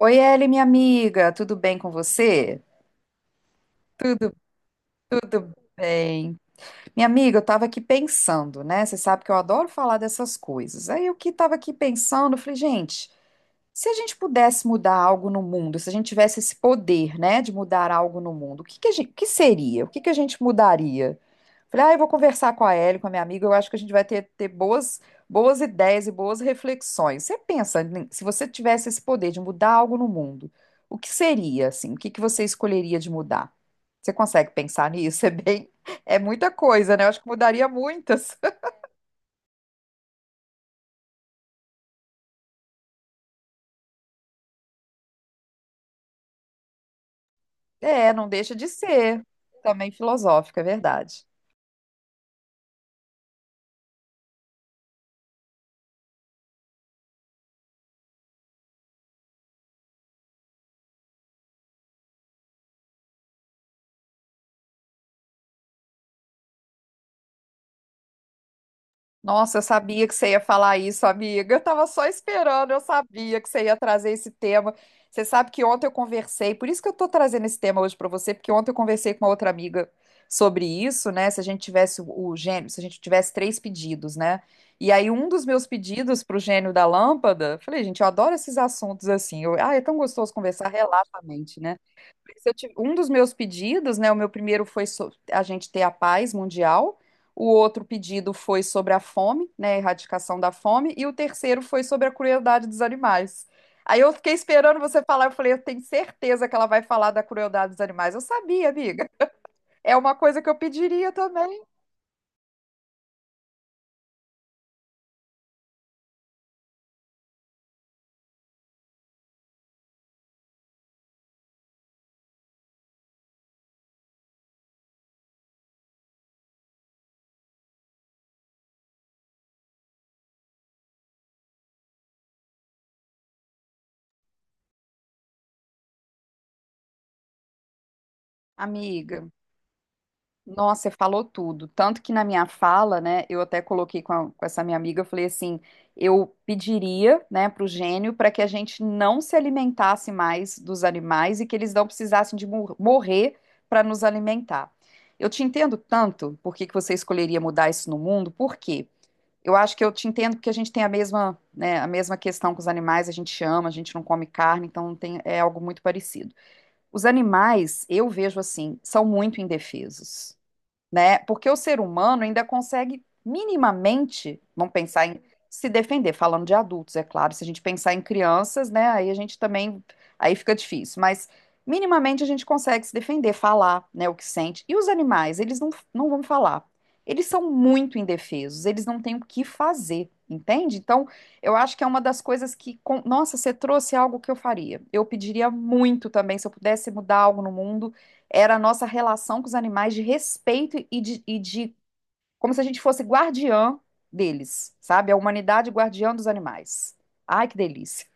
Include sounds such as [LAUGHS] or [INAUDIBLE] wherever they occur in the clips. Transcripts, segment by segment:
Oi, Eli, minha amiga, tudo bem com você? Bem. Minha amiga, eu estava aqui pensando, né? Você sabe que eu adoro falar dessas coisas. Aí eu que estava aqui pensando, eu falei, gente, se a gente pudesse mudar algo no mundo, se a gente tivesse esse poder, né, de mudar algo no mundo, o que que a gente, que seria? O que que a gente mudaria? Falei, ah, eu vou conversar com a Ellie, com a minha amiga, eu acho que a gente vai ter boas, boas ideias e boas reflexões. Você pensa, né, se você tivesse esse poder de mudar algo no mundo, o que seria, assim? O que que você escolheria de mudar? Você consegue pensar nisso? [LAUGHS] É bem, é muita coisa, né? Eu acho que mudaria muitas. [LAUGHS] É, não deixa de ser. Também filosófica, é verdade. Nossa, eu sabia que você ia falar isso, amiga. Eu tava só esperando, eu sabia que você ia trazer esse tema. Você sabe que ontem eu conversei, por isso que eu tô trazendo esse tema hoje pra você, porque ontem eu conversei com uma outra amiga sobre isso, né? Se a gente tivesse o gênio, se a gente tivesse três pedidos, né? E aí um dos meus pedidos pro gênio da lâmpada, falei, gente, eu adoro esses assuntos assim. Eu, ah, é tão gostoso conversar relaxamente, né? se eu tive- Um dos meus pedidos, né? O meu primeiro foi a gente ter a paz mundial, o outro pedido foi sobre a fome, né? A erradicação da fome, e o terceiro foi sobre a crueldade dos animais. Aí eu fiquei esperando você falar, eu falei, eu tenho certeza que ela vai falar da crueldade dos animais. Eu sabia, amiga. É uma coisa que eu pediria também, amiga. Nossa, você falou tudo. Tanto que na minha fala, né, eu até coloquei com, com essa minha amiga, eu falei assim, eu pediria, né, para o gênio para que a gente não se alimentasse mais dos animais e que eles não precisassem de morrer para nos alimentar. Eu te entendo tanto por que que você escolheria mudar isso no mundo, por quê? Eu acho que eu te entendo porque a gente tem a mesma, né, a mesma questão com os animais, a gente ama, a gente não come carne, então tem, é algo muito parecido. Os animais, eu vejo assim, são muito indefesos, né? Porque o ser humano ainda consegue minimamente, vamos pensar em se defender, falando de adultos, é claro. Se a gente pensar em crianças, né? Aí a gente também, aí fica difícil. Mas minimamente a gente consegue se defender, falar, né? O que sente. E os animais, eles não, não vão falar. Eles são muito indefesos. Eles não têm o que fazer, entende? Então, eu acho que é uma das coisas que, nossa, você trouxe algo que eu faria. Eu pediria muito também, se eu pudesse mudar algo no mundo era a nossa relação com os animais de respeito e de como se a gente fosse guardiã deles, sabe? A humanidade guardiã dos animais. Ai, que delícia.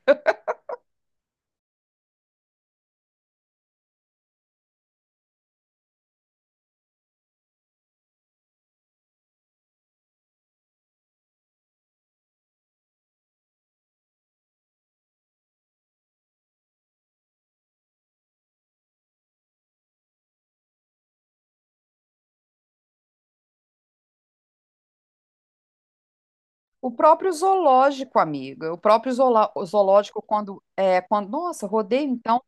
O próprio zoológico, amiga, o próprio zoológico, quando, é, quando, nossa, rodei então.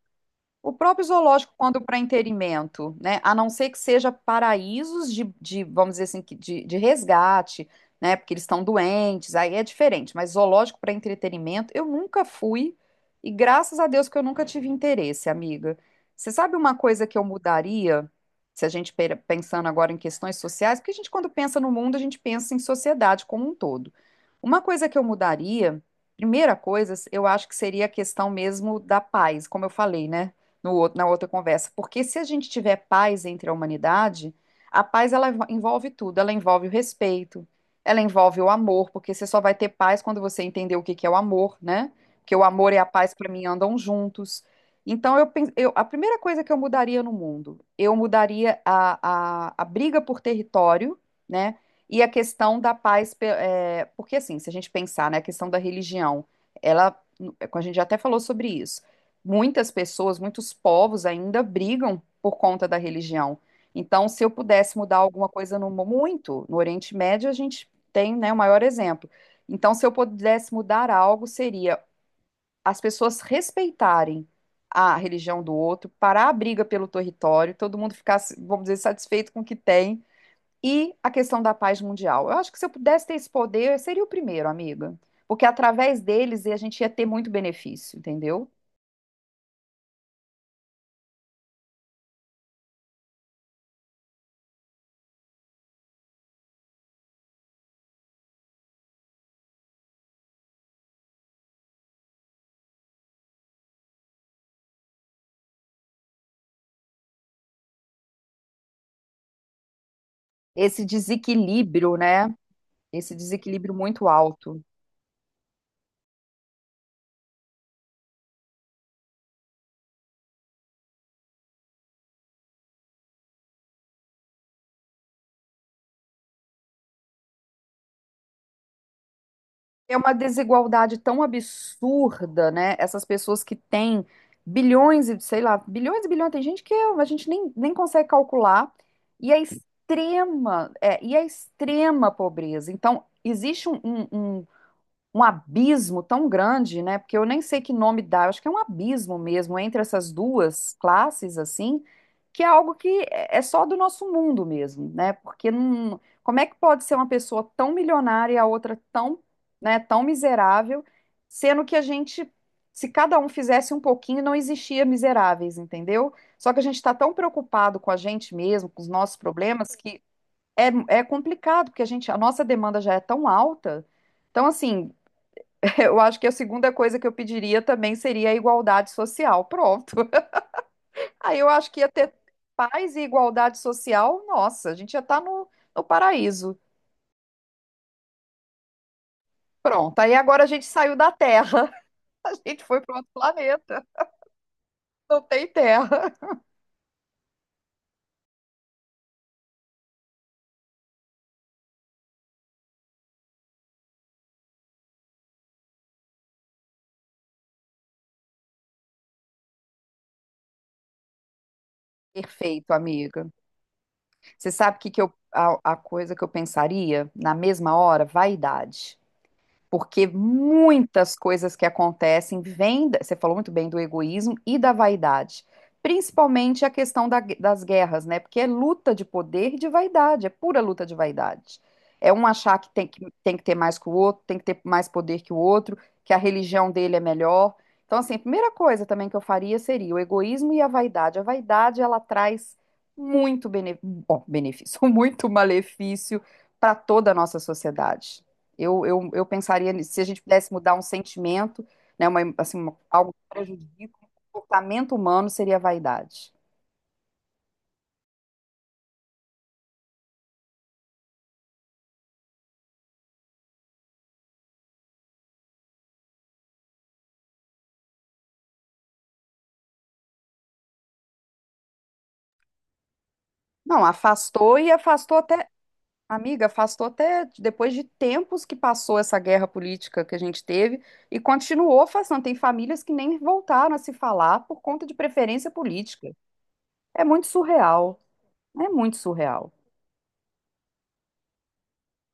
O próprio zoológico, quando para inteirimento, né? A não ser que seja paraísos de, vamos dizer assim, que de resgate, né? Porque eles estão doentes, aí é diferente. Mas zoológico para entretenimento, eu nunca fui e graças a Deus que eu nunca tive interesse, amiga. Você sabe uma coisa que eu mudaria, se a gente pensando agora em questões sociais, porque a gente quando pensa no mundo, a gente pensa em sociedade como um todo. Uma coisa que eu mudaria, primeira coisa, eu acho que seria a questão mesmo da paz, como eu falei, né? No outro, na outra conversa, porque se a gente tiver paz entre a humanidade, a paz ela envolve tudo, ela envolve o respeito, ela envolve o amor, porque você só vai ter paz quando você entender o que que é o amor, né? Porque o amor e a paz para mim andam juntos. Então eu a primeira coisa que eu mudaria no mundo, eu mudaria a briga por território, né? E a questão da paz, porque assim, se a gente pensar, né, a questão da religião, ela, a gente já até falou sobre isso. Muitas pessoas, muitos povos ainda brigam por conta da religião. Então, se eu pudesse mudar alguma coisa no muito, no Oriente Médio a gente tem, né, o maior exemplo. Então, se eu pudesse mudar algo, seria as pessoas respeitarem a religião do outro, parar a briga pelo território, todo mundo ficasse, vamos dizer, satisfeito com o que tem. E a questão da paz mundial. Eu acho que se eu pudesse ter esse poder, eu seria o primeiro, amiga. Porque através deles a gente ia ter muito benefício, entendeu? Esse desequilíbrio, né? Esse desequilíbrio muito alto. É uma desigualdade tão absurda, né? Essas pessoas que têm bilhões e, sei lá, bilhões e bilhões, tem gente que a gente nem, nem consegue calcular, e a extrema, é, e a extrema pobreza. Então, existe um abismo tão grande, né? Porque eu nem sei que nome dá, eu acho que é um abismo mesmo entre essas duas classes, assim, que é algo que é só do nosso mundo mesmo, né? Porque não, como é que pode ser uma pessoa tão milionária e a outra tão, né, tão miserável, sendo que a gente, se cada um fizesse um pouquinho, não existia miseráveis, entendeu? Só que a gente está tão preocupado com a gente mesmo, com os nossos problemas, que é, é complicado, porque a gente, a nossa demanda já é tão alta. Então, assim, [LAUGHS] eu acho que a segunda coisa que eu pediria também seria a igualdade social. Pronto. [LAUGHS] Aí eu acho que ia ter paz e igualdade social. Nossa, a gente ia estar no, no paraíso. Pronto. Aí agora a gente saiu da Terra. [LAUGHS] A gente foi para outro planeta. Não tem Terra. [LAUGHS] Perfeito, amiga. Você sabe o que que a coisa que eu pensaria na mesma hora? Vaidade. Porque muitas coisas que acontecem vêm, você falou muito bem do egoísmo e da vaidade, principalmente a questão das guerras, né? Porque é luta de poder e de vaidade, é pura luta de vaidade. É um achar que tem que ter mais que o outro, tem que ter mais poder que o outro, que a religião dele é melhor. Então, assim, a primeira coisa também que eu faria seria o egoísmo e a vaidade. A vaidade, ela traz muito benefício, [LAUGHS] muito malefício para toda a nossa sociedade. Eu pensaria, se a gente pudesse mudar um sentimento, né, algo que prejudica o comportamento humano, seria a vaidade. Não, afastou e afastou até, amiga, afastou até depois de tempos que passou essa guerra política que a gente teve e continuou afastando. Tem famílias que nem voltaram a se falar por conta de preferência política. É muito surreal, é muito surreal.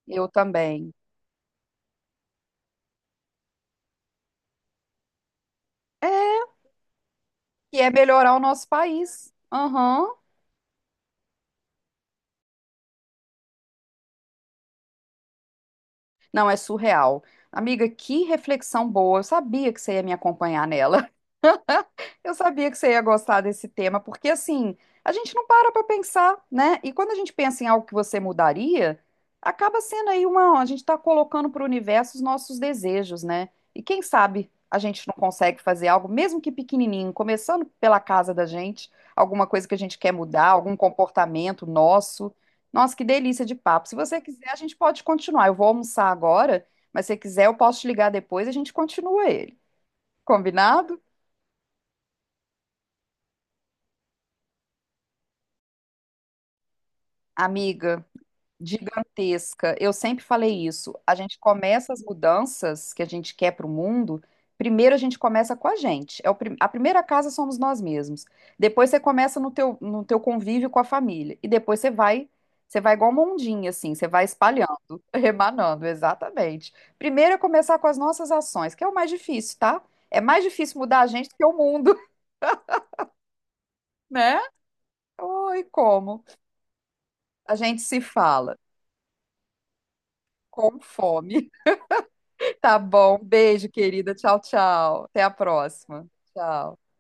Eu também. E é melhorar o nosso país. Aham. Não, é surreal. Amiga, que reflexão boa. Eu sabia que você ia me acompanhar nela. Eu sabia que você ia gostar desse tema, porque assim, a gente não para pensar, né? E quando a gente pensa em algo que você mudaria, acaba sendo aí uma, a gente está colocando para o universo os nossos desejos, né? E quem sabe a gente não consegue fazer algo, mesmo que pequenininho, começando pela casa da gente, alguma coisa que a gente quer mudar, algum comportamento nosso. Nossa, que delícia de papo. Se você quiser, a gente pode continuar. Eu vou almoçar agora, mas se você quiser, eu posso te ligar depois e a gente continua ele. Combinado? Amiga, gigantesca. Eu sempre falei isso. A gente começa as mudanças que a gente quer para o mundo. Primeiro a gente começa com a gente. É o a primeira casa somos nós mesmos. Depois você começa no teu convívio com a família. E depois você vai igual uma ondinha, assim, você vai espalhando, [LAUGHS] remanando, exatamente. Primeiro é começar com as nossas ações, que é o mais difícil, tá? É mais difícil mudar a gente do que o mundo, [LAUGHS] né? Oi, como? A gente se fala com fome. Tá bom. Beijo, querida. Tchau, tchau. Até a próxima. Tchau.